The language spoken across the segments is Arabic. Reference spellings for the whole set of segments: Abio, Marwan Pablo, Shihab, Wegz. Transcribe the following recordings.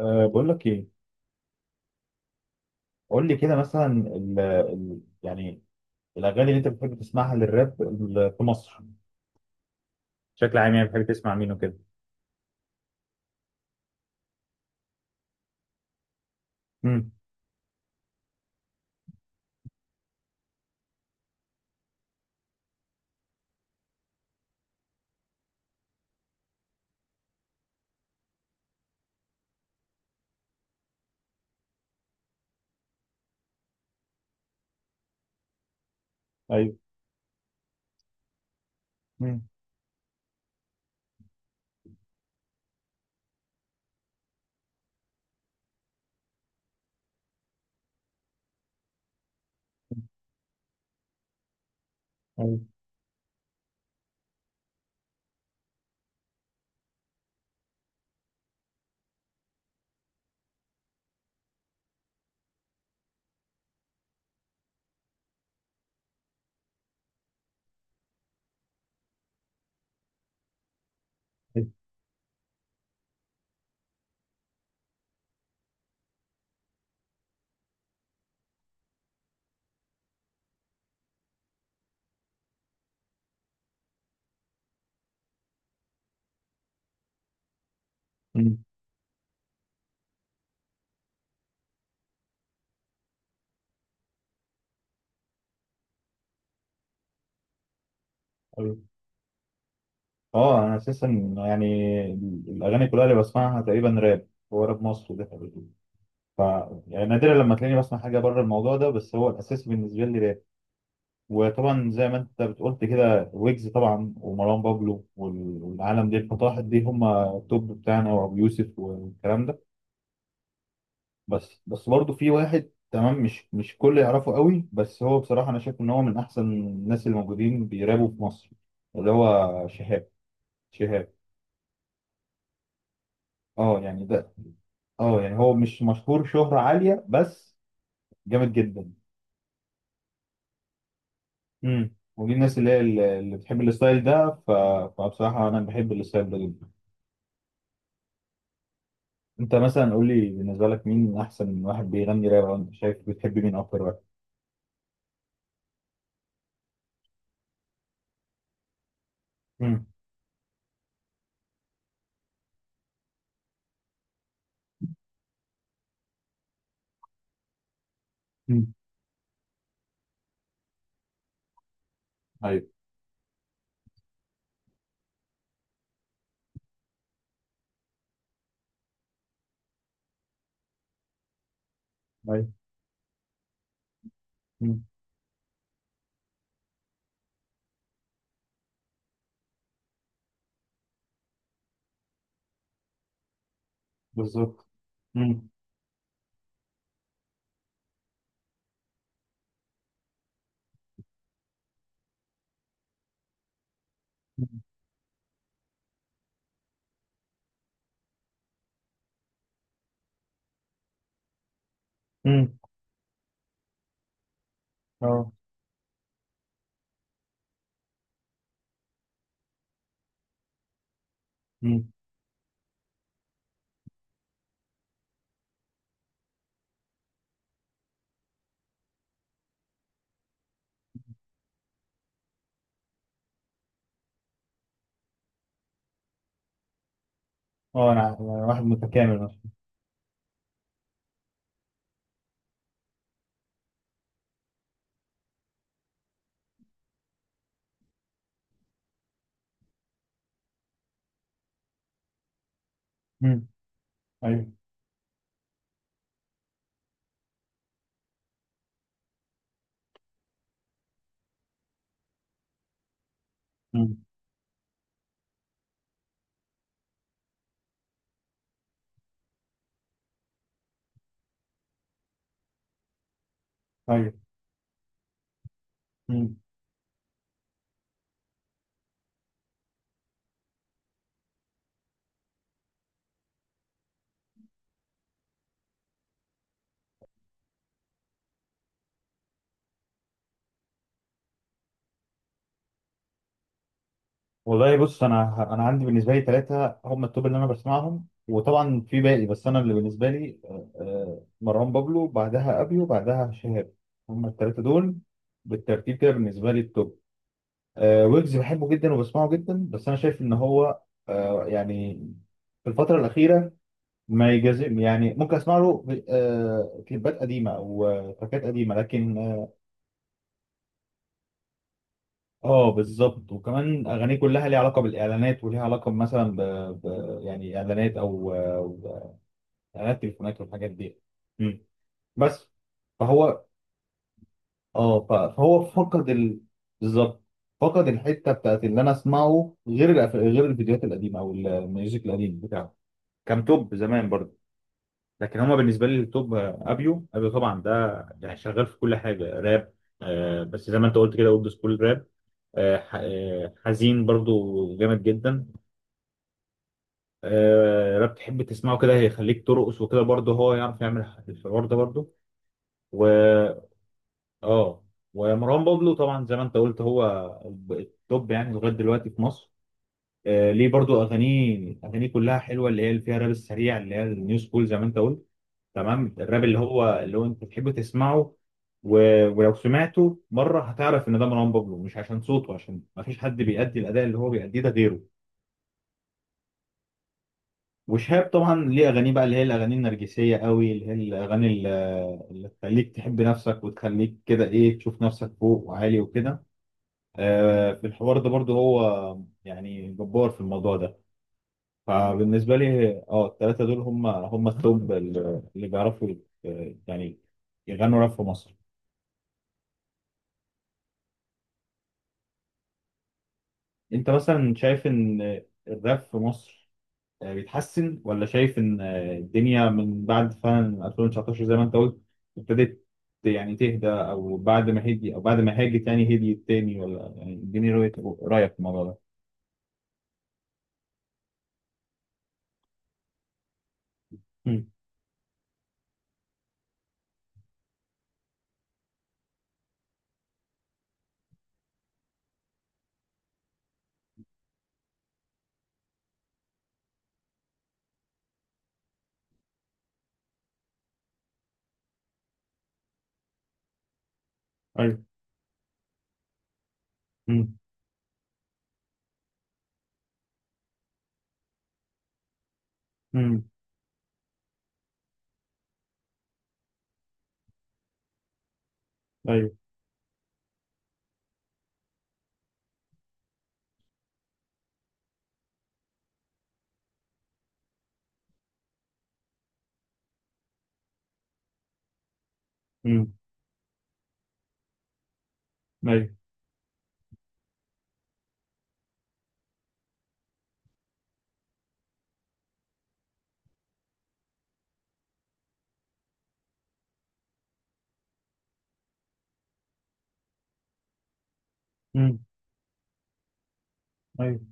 بقول لك ايه، قول لي كده مثلا ال ال يعني الاغاني اللي انت بتحب تسمعها للراب في مصر بشكل عام، يعني بتحب تسمع مين وكده؟ امم. ايوه. امم. ايوه. امم. ايوه. اه، انا اساسا يعني الاغاني كلها اللي بسمعها تقريبا راب. هو راب مصر ده حقيقي. ف يعني نادرا لما تلاقيني بسمع حاجه بره الموضوع ده، بس هو الاساسي بالنسبه لي راب. وطبعا زي ما انت بتقولت كده ويجز طبعا ومروان بابلو والعالم دي الفطاحل دي هم التوب بتاعنا وابو يوسف والكلام ده. بس برضه في واحد تمام، مش كل يعرفه قوي، بس هو بصراحة أنا شايف إن هو من أحسن الناس اللي موجودين بيرابوا في مصر، اللي هو شهاب. شهاب، أه يعني ده. أه يعني هو مش مشهور شهرة عالية، بس جامد جدا. ودي الناس اللي هي اللي بتحب الستايل ده، فبصراحة أنا بحب الستايل ده جدا. أنت مثلا قول لي بالنسبة لك مين أحسن واحد بيغني راب، أو أنت شايف بتحب مين أكتر واحد؟ امم. مم. أيوه، أيوه. مم. بالظبط. مم. امم. أه. مم. اه، انا واحد متكامل مثلا. مم. ايوه. مم. ايوه. مم. والله، بص، انا عندي بالنسبه لي ثلاثه هم التوب اللي انا بسمعهم، وطبعا في باقي، بس انا اللي بالنسبه لي مروان بابلو، بعدها ابيو، وبعدها شهاب. هم الثلاثه دول بالترتيب كده بالنسبه لي التوب. ويجز بحبه جدا وبسمعه جدا، بس انا شايف ان هو يعني في الفتره الاخيره ما يجازم، يعني ممكن اسمع له كليبات قديمه او تراكات قديمه، لكن اه، بالظبط، وكمان اغانيه كلها ليها علاقه بالاعلانات وليها علاقه مثلا يعني اعلانات او اعلانات تليفونات والحاجات دي. مم. بس فهو فهو فقد بالظبط فقد الحته بتاعت اللي انا اسمعه، غير الفيديوهات القديمه او الميوزك القديم بتاعه، كان توب زمان برضه. لكن هما بالنسبه لي التوب، ابيو، ابيو طبعا ده يعني شغال في كل حاجه راب. بس زي ما انت قلت كده اولد سكول راب، حزين برضو جامد جدا. راب تحب تسمعه كده هيخليك ترقص وكده برضه هو يعرف يعمل الحوار ده برضه. و اه ومروان بابلو طبعا زي ما انت قلت هو التوب يعني لغايه دلوقتي في مصر. ليه برضه اغانيه اغانيه كلها حلوه اللي هي اللي فيها الراب السريع اللي هي النيو سكول زي ما انت قلت، تمام الراب اللي هو انت تحب تسمعه. و... ولو سمعته مره هتعرف ان ده مروان بابلو، مش عشان صوته، عشان ما فيش حد بيأدي الاداء اللي هو بيأديه ده غيره. وشهاب طبعا ليه اغانيه بقى اللي هي الاغاني النرجسيه قوي اللي هي الاغاني اللي تخليك تحب نفسك وتخليك كده ايه تشوف نفسك فوق وعالي وكده. في الحوار ده برضو هو يعني جبار في الموضوع ده. فبالنسبه لي الثلاثه دول هم التوب اللي بيعرفوا يعني يغنوا راب في مصر. انت مثلا شايف ان الراب في مصر بيتحسن، ولا شايف ان الدنيا من بعد فعلا 2019 زي ما انت قلت ابتدت يعني تهدى، او بعد ما هدي، او بعد ما هاجت يعني هديت تاني، ولا يعني اديني رؤية رأيك في الموضوع ده؟ مم. ايوه. مم. مم. ايوه. مم. ايوه. مم. ايوه.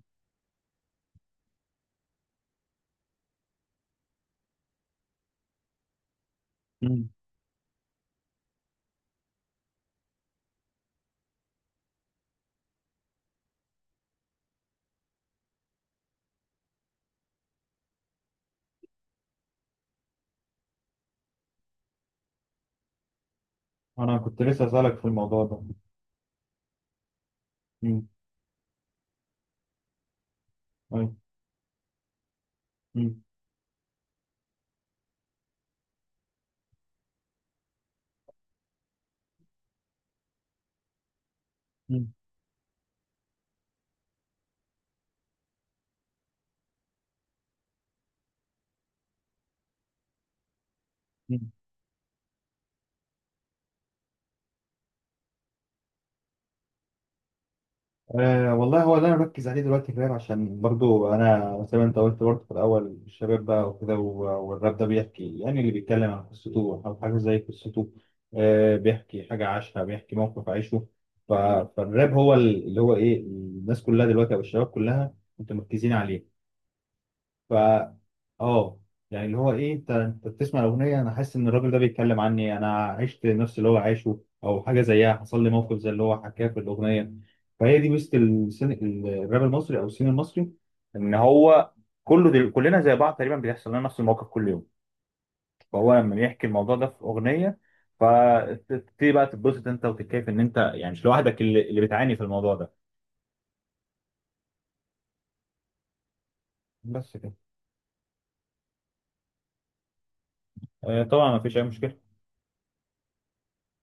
مم. انا كنت لسه اسالك في الموضوع ده. مم. ايوه. مم. مم. أه، والله هو اللي انا بركز عليه دلوقتي كمان، عشان برضو انا زي ما انت قلت برضو في الاول الشباب بقى وكده، والراب ده بيحكي، يعني اللي بيتكلم عن قصته او حاجه زي قصته. أه، بيحكي حاجه عاشها، بيحكي موقف عايشه. ف- فالراب هو اللي هو ايه الناس كلها دلوقتي او الشباب كلها متمركزين عليه. ف اه يعني اللي هو ايه انت بتسمع الاغنيه، انا حاسس ان الراجل ده بيتكلم عني، انا عشت نفس اللي هو عاشه او حاجه زيها، حصل لي موقف زي اللي هو حكاه في الاغنيه. فهي دي ميزه الراب المصري او السين المصري، ان هو كلنا زي بعض تقريبا بيحصل لنا نفس الموقف كل يوم. فهو لما يحكي الموضوع ده في اغنيه، فتبتدي بقى تتبسط انت وتتكيف ان انت يعني مش لوحدك اللي بتعاني في الموضوع ده. بس كده. آه، طبعا ما فيش اي مشكله.